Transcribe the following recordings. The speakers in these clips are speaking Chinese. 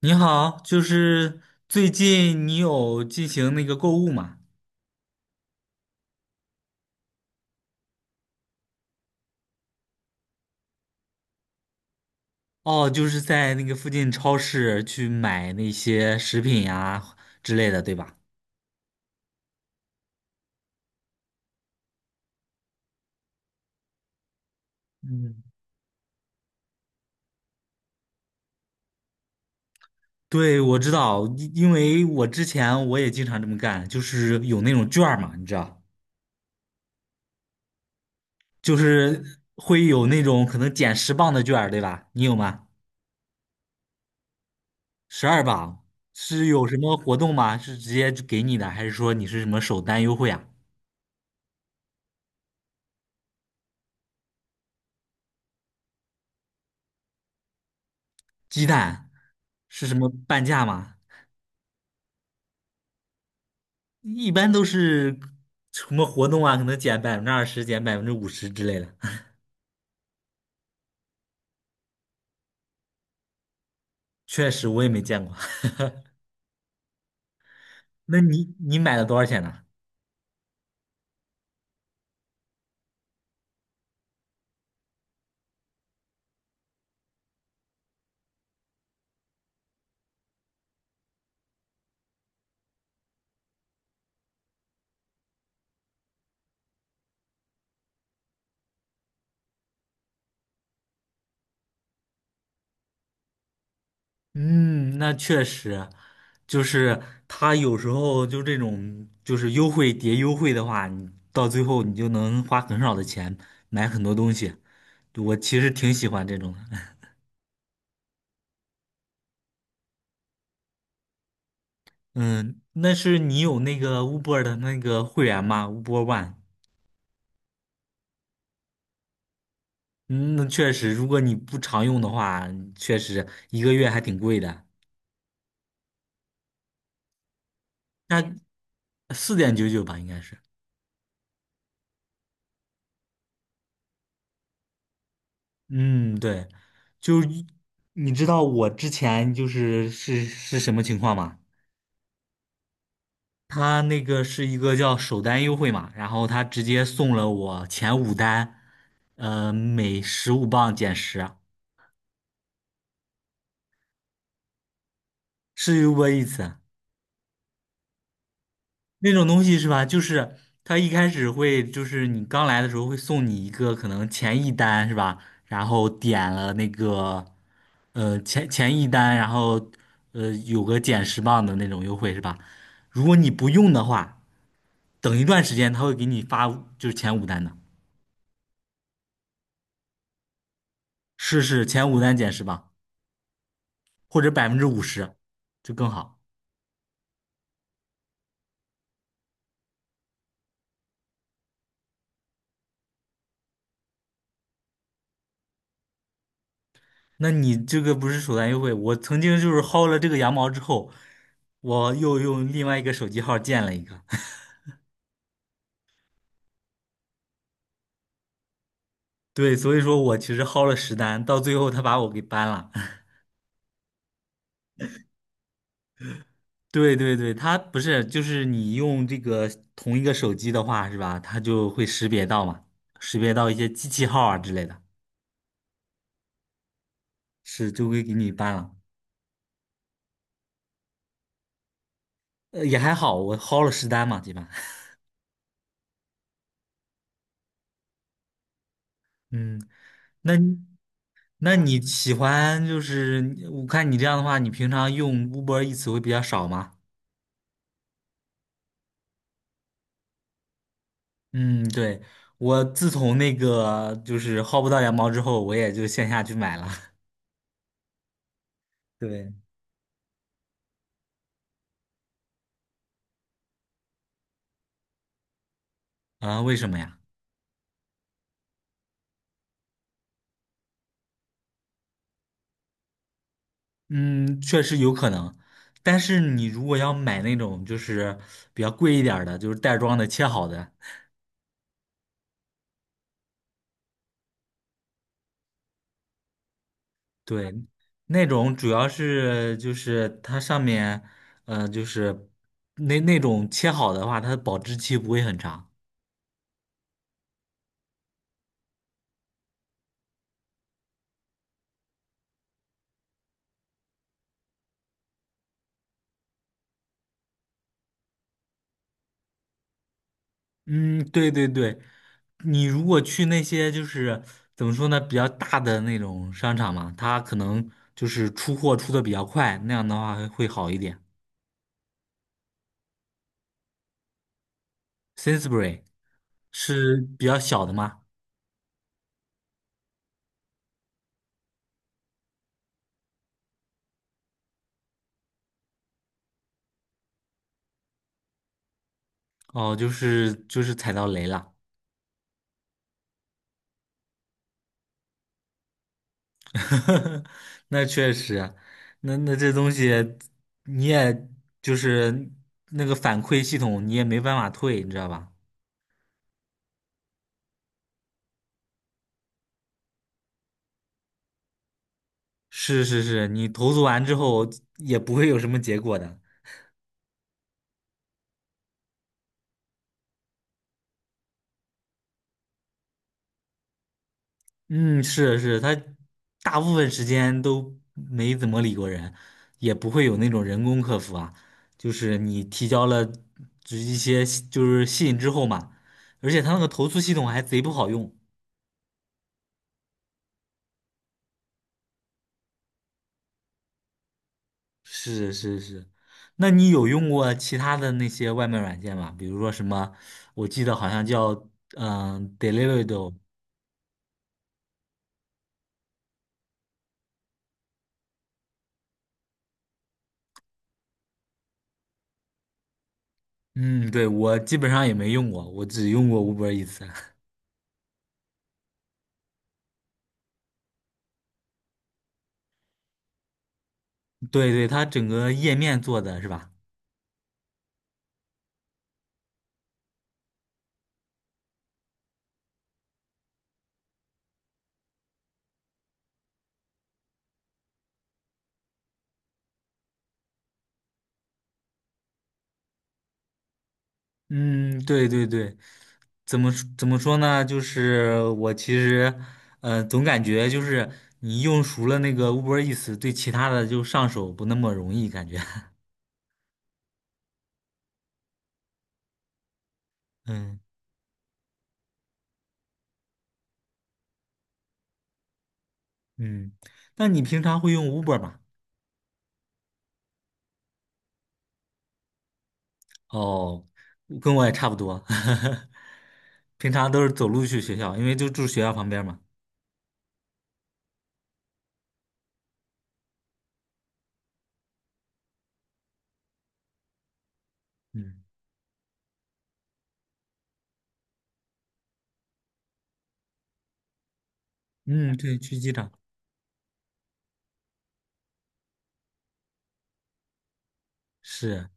你好，就是最近你有进行那个购物吗？哦，就是在那个附近超市去买那些食品呀之类的，对吧？嗯，对，我知道，因为我之前我也经常这么干，就是有那种券儿嘛，你知道，就是会有那种可能减十磅的券儿，对吧？你有吗？12磅是有什么活动吗？是直接就给你的，还是说你是什么首单优惠啊？鸡蛋是什么半价吗？一般都是什么活动啊，可能减20%、减百分之五十之类的。确实，我也没见过。那你买了多少钱呢？嗯，那确实，就是他有时候就这种就是优惠叠优惠的话，你到最后你就能花很少的钱买很多东西。我其实挺喜欢这种的。嗯，那是你有那个 Uber 的那个会员吗？Uber One。嗯，那确实，如果你不常用的话，确实一个月还挺贵的，那4.99吧，应该是。嗯，对，就你知道我之前就是什么情况吗？他那个是一个叫首单优惠嘛，然后他直接送了我前五单，每15磅减十啊，是有过一次。那种东西是吧？就是他一开始会，就是你刚来的时候会送你一个可能前一单是吧？然后点了那个，前一单，然后有个减十磅的那种优惠是吧？如果你不用的话，等一段时间他会给你发就是前五单的，试试前五单减十磅或者百分之五十，就更好。那你这个不是首单优惠，我曾经就是薅了这个羊毛之后，我又用另外一个手机号建了一个。对，所以说我其实薅了十单，到最后他把我给 ban 了。对对对，他不是，就是你用这个同一个手机的话，是吧？它就会识别到嘛，识别到一些机器号啊之类的，是就会给你 ban 了。也还好，我薅了十单嘛，基本。嗯，那你那你喜欢就是，我看你这样的话，你平常用 Uber e a 会比较少吗？嗯，对，我自从那个就是薅不到羊毛之后，我也就线下去买了。对啊，为什么呀？嗯，确实有可能，但是你如果要买那种就是比较贵一点儿的，就是袋装的切好的，对，那种主要是就是它上面，就是那种切好的话，它的保质期不会很长。嗯，对对对，你如果去那些就是怎么说呢，比较大的那种商场嘛，它可能就是出货出的比较快，那样的话会好一点。Sainsbury 是比较小的吗？哦，就是踩到雷了，那确实啊，那这东西你也就是那个反馈系统你也没办法退，你知道吧？是是是，你投诉完之后也不会有什么结果的。嗯，是是，他大部分时间都没怎么理过人，也不会有那种人工客服啊，就是你提交了就是一些就是信之后嘛，而且他那个投诉系统还贼不好用。是是是，那你有用过其他的那些外卖软件吗？比如说什么，我记得好像叫Deliveroo，嗯，对，我基本上也没用过，我只用过 Uber 一次。对对，它整个页面做的是吧？嗯，对对对，怎么说呢？就是我其实，总感觉就是你用熟了那个 Uber e a s 对其他的就上手不那么容易，感觉。嗯嗯，那你平常会用 Uber 吗？哦，跟我也差不多，平常都是走路去学校，因为就住学校旁边嘛。嗯嗯，对，去机场是，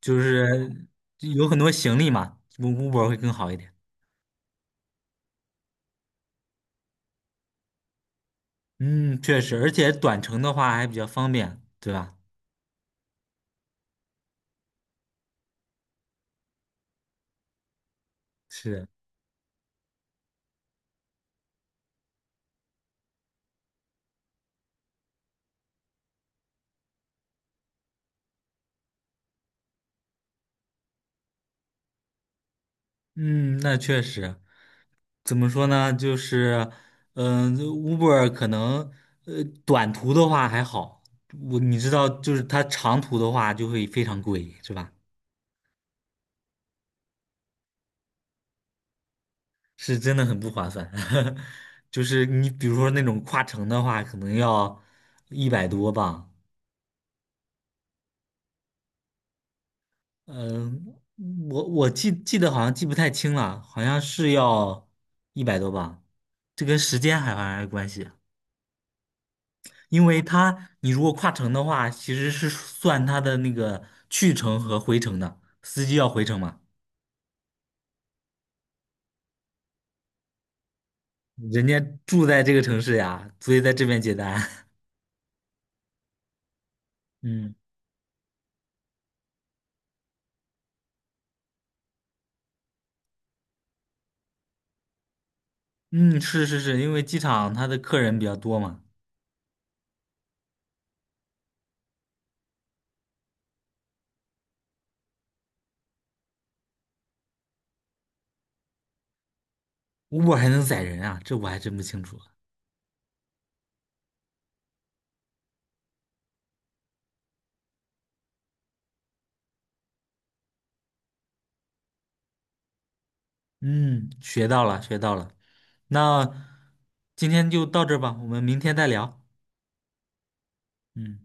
就是有很多行李嘛，Uber 会更好一点。嗯，确实，而且短程的话还比较方便，对吧？是，嗯，那确实，怎么说呢？就是，Uber 可能，短途的话还好，我你知道，就是它长途的话就会非常贵，是吧？是真的很不划算，就是你比如说那种跨城的话，可能要一百多吧。嗯、我记得好像记不太清了，好像是要一百多吧。这跟时间还好像有关系，因为他你如果跨城的话，其实是算他的那个去程和回程的，司机要回程嘛，人家住在这个城市呀，所以在这边接单。嗯嗯，是是是，因为机场他的客人比较多嘛。我还能宰人啊？这我还真不清楚。嗯，学到了，学到了。那今天就到这儿吧，我们明天再聊。嗯。